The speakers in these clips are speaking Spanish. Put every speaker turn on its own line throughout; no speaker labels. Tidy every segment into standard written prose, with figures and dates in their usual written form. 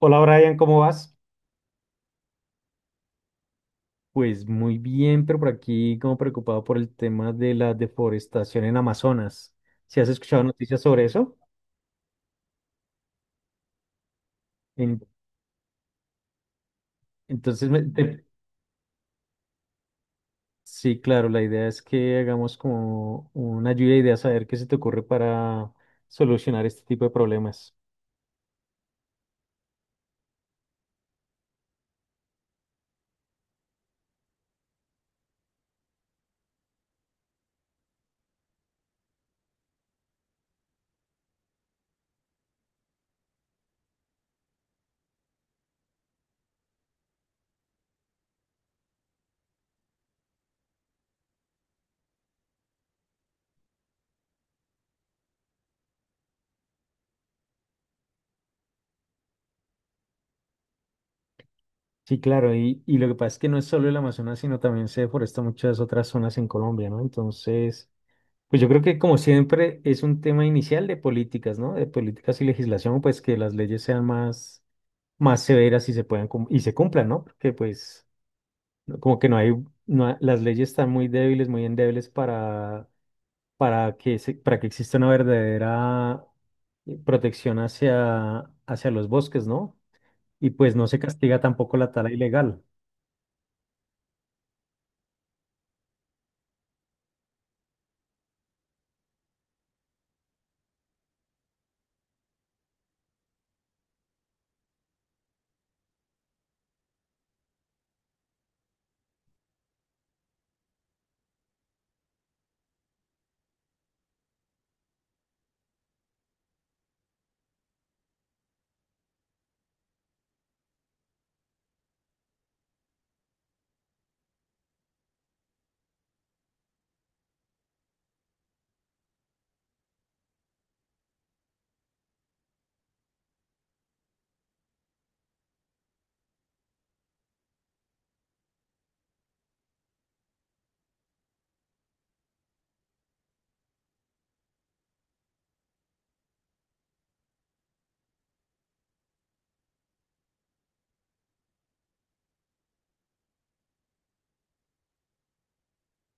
Hola Brian, ¿cómo vas? Pues muy bien, pero por aquí como preocupado por el tema de la deforestación en Amazonas. ¿Si has escuchado noticias sobre eso? En- entonces, me- te- sí, claro, la idea es que hagamos como una lluvia de ideas a ver qué se te ocurre para solucionar este tipo de problemas. Sí, claro, y lo que pasa es que no es solo el Amazonas, sino también se deforesta muchas otras zonas en Colombia, ¿no? Entonces, pues yo creo que como siempre es un tema inicial de políticas, ¿no? De políticas y legislación, pues que las leyes sean más, más severas y y se cumplan, ¿no? Porque pues como que no hay, no ha- las leyes están muy débiles, muy endebles para, para que exista una verdadera protección hacia, hacia los bosques, ¿no? Y pues no se castiga tampoco la tala ilegal.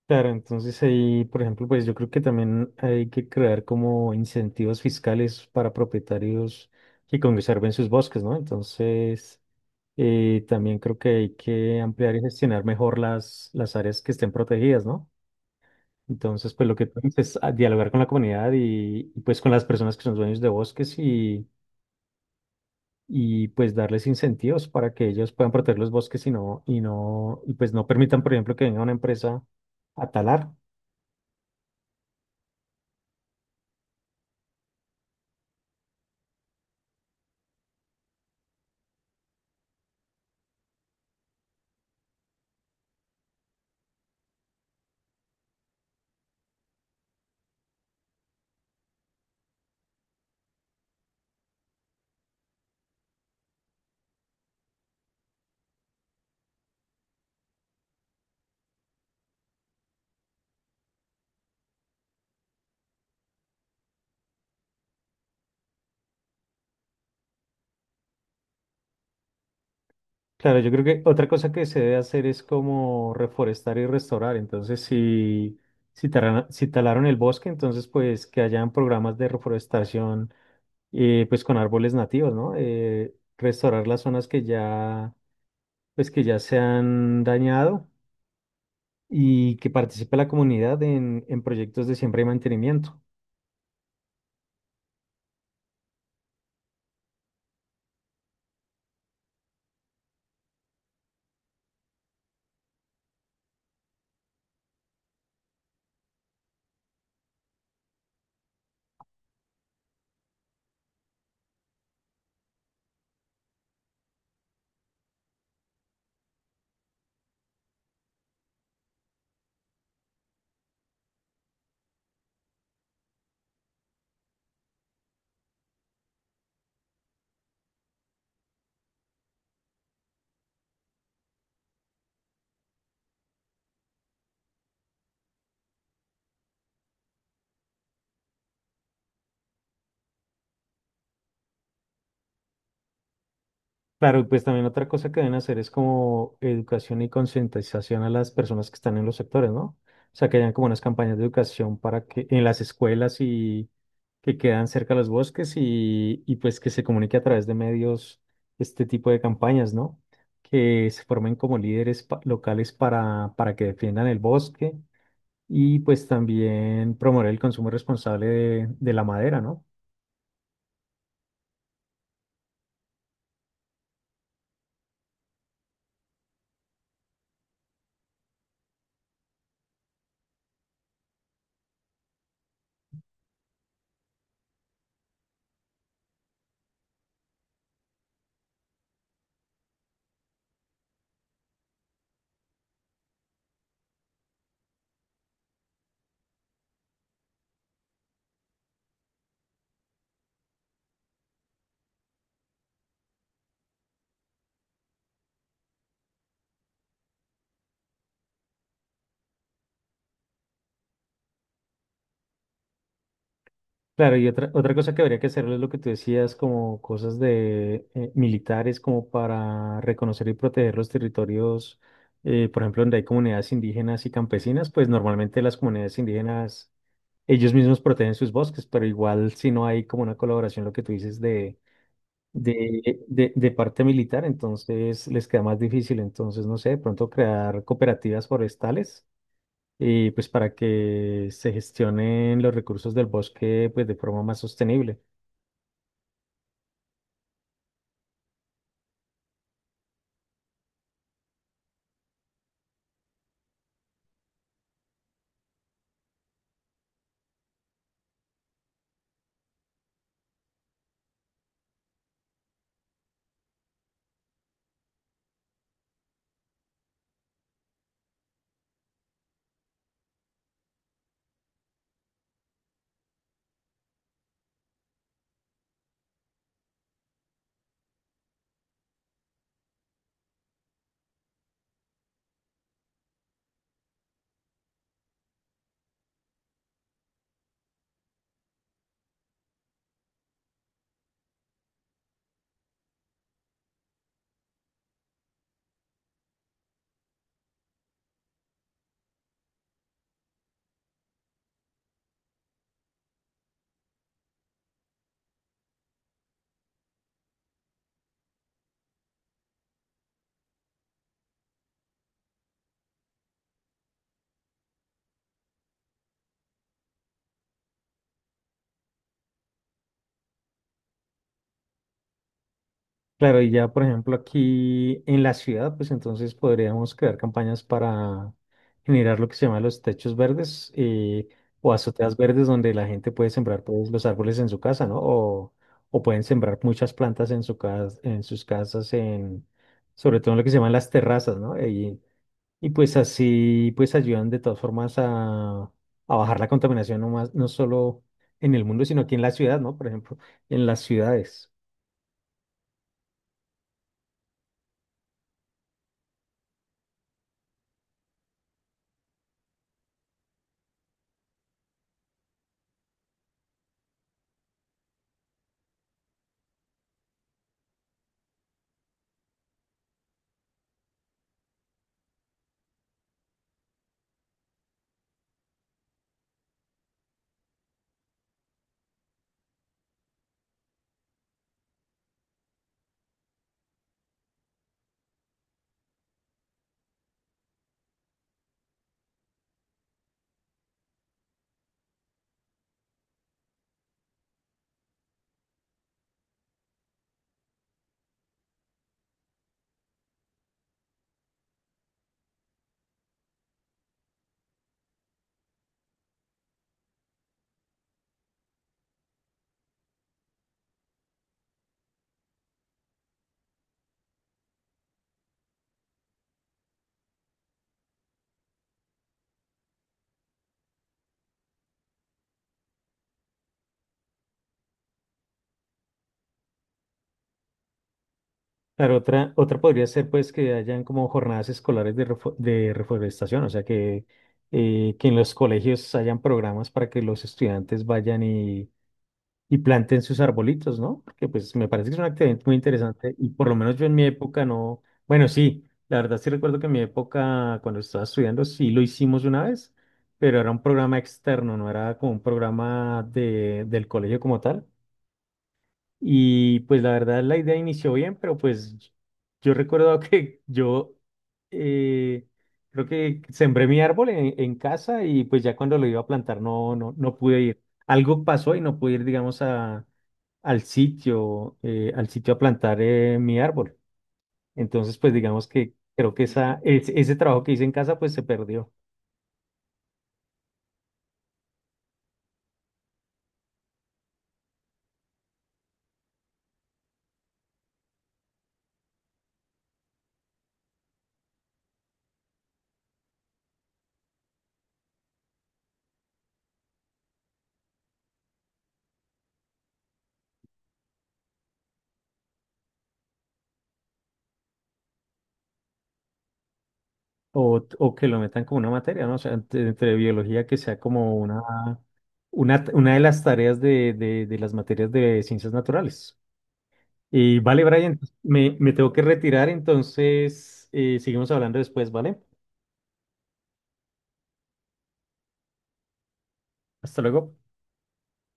Claro, entonces ahí, por ejemplo, pues yo creo que también hay que crear como incentivos fiscales para propietarios que conserven sus bosques, ¿no? Entonces, también creo que hay que ampliar y gestionar mejor las áreas que estén protegidas, ¿no? Entonces, pues lo que podemos es dialogar con la comunidad pues con las personas que son dueños de bosques y pues darles incentivos para que ellos puedan proteger los bosques y pues no permitan, por ejemplo, que venga una empresa a talar. Claro, yo creo que otra cosa que se debe hacer es como reforestar y restaurar. Entonces, si talaron el bosque, entonces pues que hayan programas de reforestación pues con árboles nativos, ¿no? Restaurar las zonas que ya pues que ya se han dañado y que participe la comunidad en proyectos de siembra y mantenimiento. Claro, y pues también otra cosa que deben hacer es como educación y concientización a las personas que están en los sectores, ¿no? O sea, que hayan como unas campañas de educación para que en las escuelas y que quedan cerca de los bosques y pues que se comunique a través de medios este tipo de campañas, ¿no? Que se formen como locales para que defiendan el bosque y pues también promover el consumo responsable de la madera, ¿no? Claro, y otra, otra cosa que habría que hacer es lo que tú decías, como cosas de militares, como para reconocer y proteger los territorios, por ejemplo, donde hay comunidades indígenas y campesinas, pues normalmente las comunidades indígenas, ellos mismos protegen sus bosques, pero igual si no hay como una colaboración, lo que tú dices de parte militar, entonces les queda más difícil. Entonces, no sé, de pronto crear cooperativas forestales y pues para que se gestionen los recursos del bosque pues de forma más sostenible. Claro, y ya por ejemplo aquí en la ciudad, pues entonces podríamos crear campañas para generar lo que se llama los techos verdes o azoteas verdes donde la gente puede sembrar pues, los árboles en su casa, ¿no? O pueden sembrar muchas plantas en en sus casas, en, sobre todo en lo que se llaman las terrazas, ¿no? Y pues así pues ayudan de todas formas a bajar la contaminación no más, no solo en el mundo, sino aquí en la ciudad, ¿no? Por ejemplo, en las ciudades. Claro, otra, otra podría ser pues que hayan como jornadas escolares de, de reforestación, o sea que en los colegios hayan programas para que los estudiantes vayan y planten sus arbolitos, ¿no? Porque pues me parece que es una actividad muy interesante y por lo menos yo en mi época no, bueno, sí, la verdad sí recuerdo que en mi época cuando estaba estudiando sí lo hicimos una vez, pero era un programa externo, no era como un programa de, del colegio como tal. Y pues la verdad la idea inició bien, pero pues yo recuerdo que yo eh, creo que sembré mi árbol en casa y pues ya cuando lo iba a plantar no pude ir. Algo pasó y no pude ir, digamos, a, al sitio a plantar mi árbol. Entonces, pues digamos que creo que ese trabajo que hice en casa pues se perdió. O que lo metan como una materia, ¿no? O sea, entre biología que sea como una... una de las tareas de las materias de ciencias naturales. Y vale, Brian, me tengo que retirar, entonces seguimos hablando después, ¿vale? Hasta luego.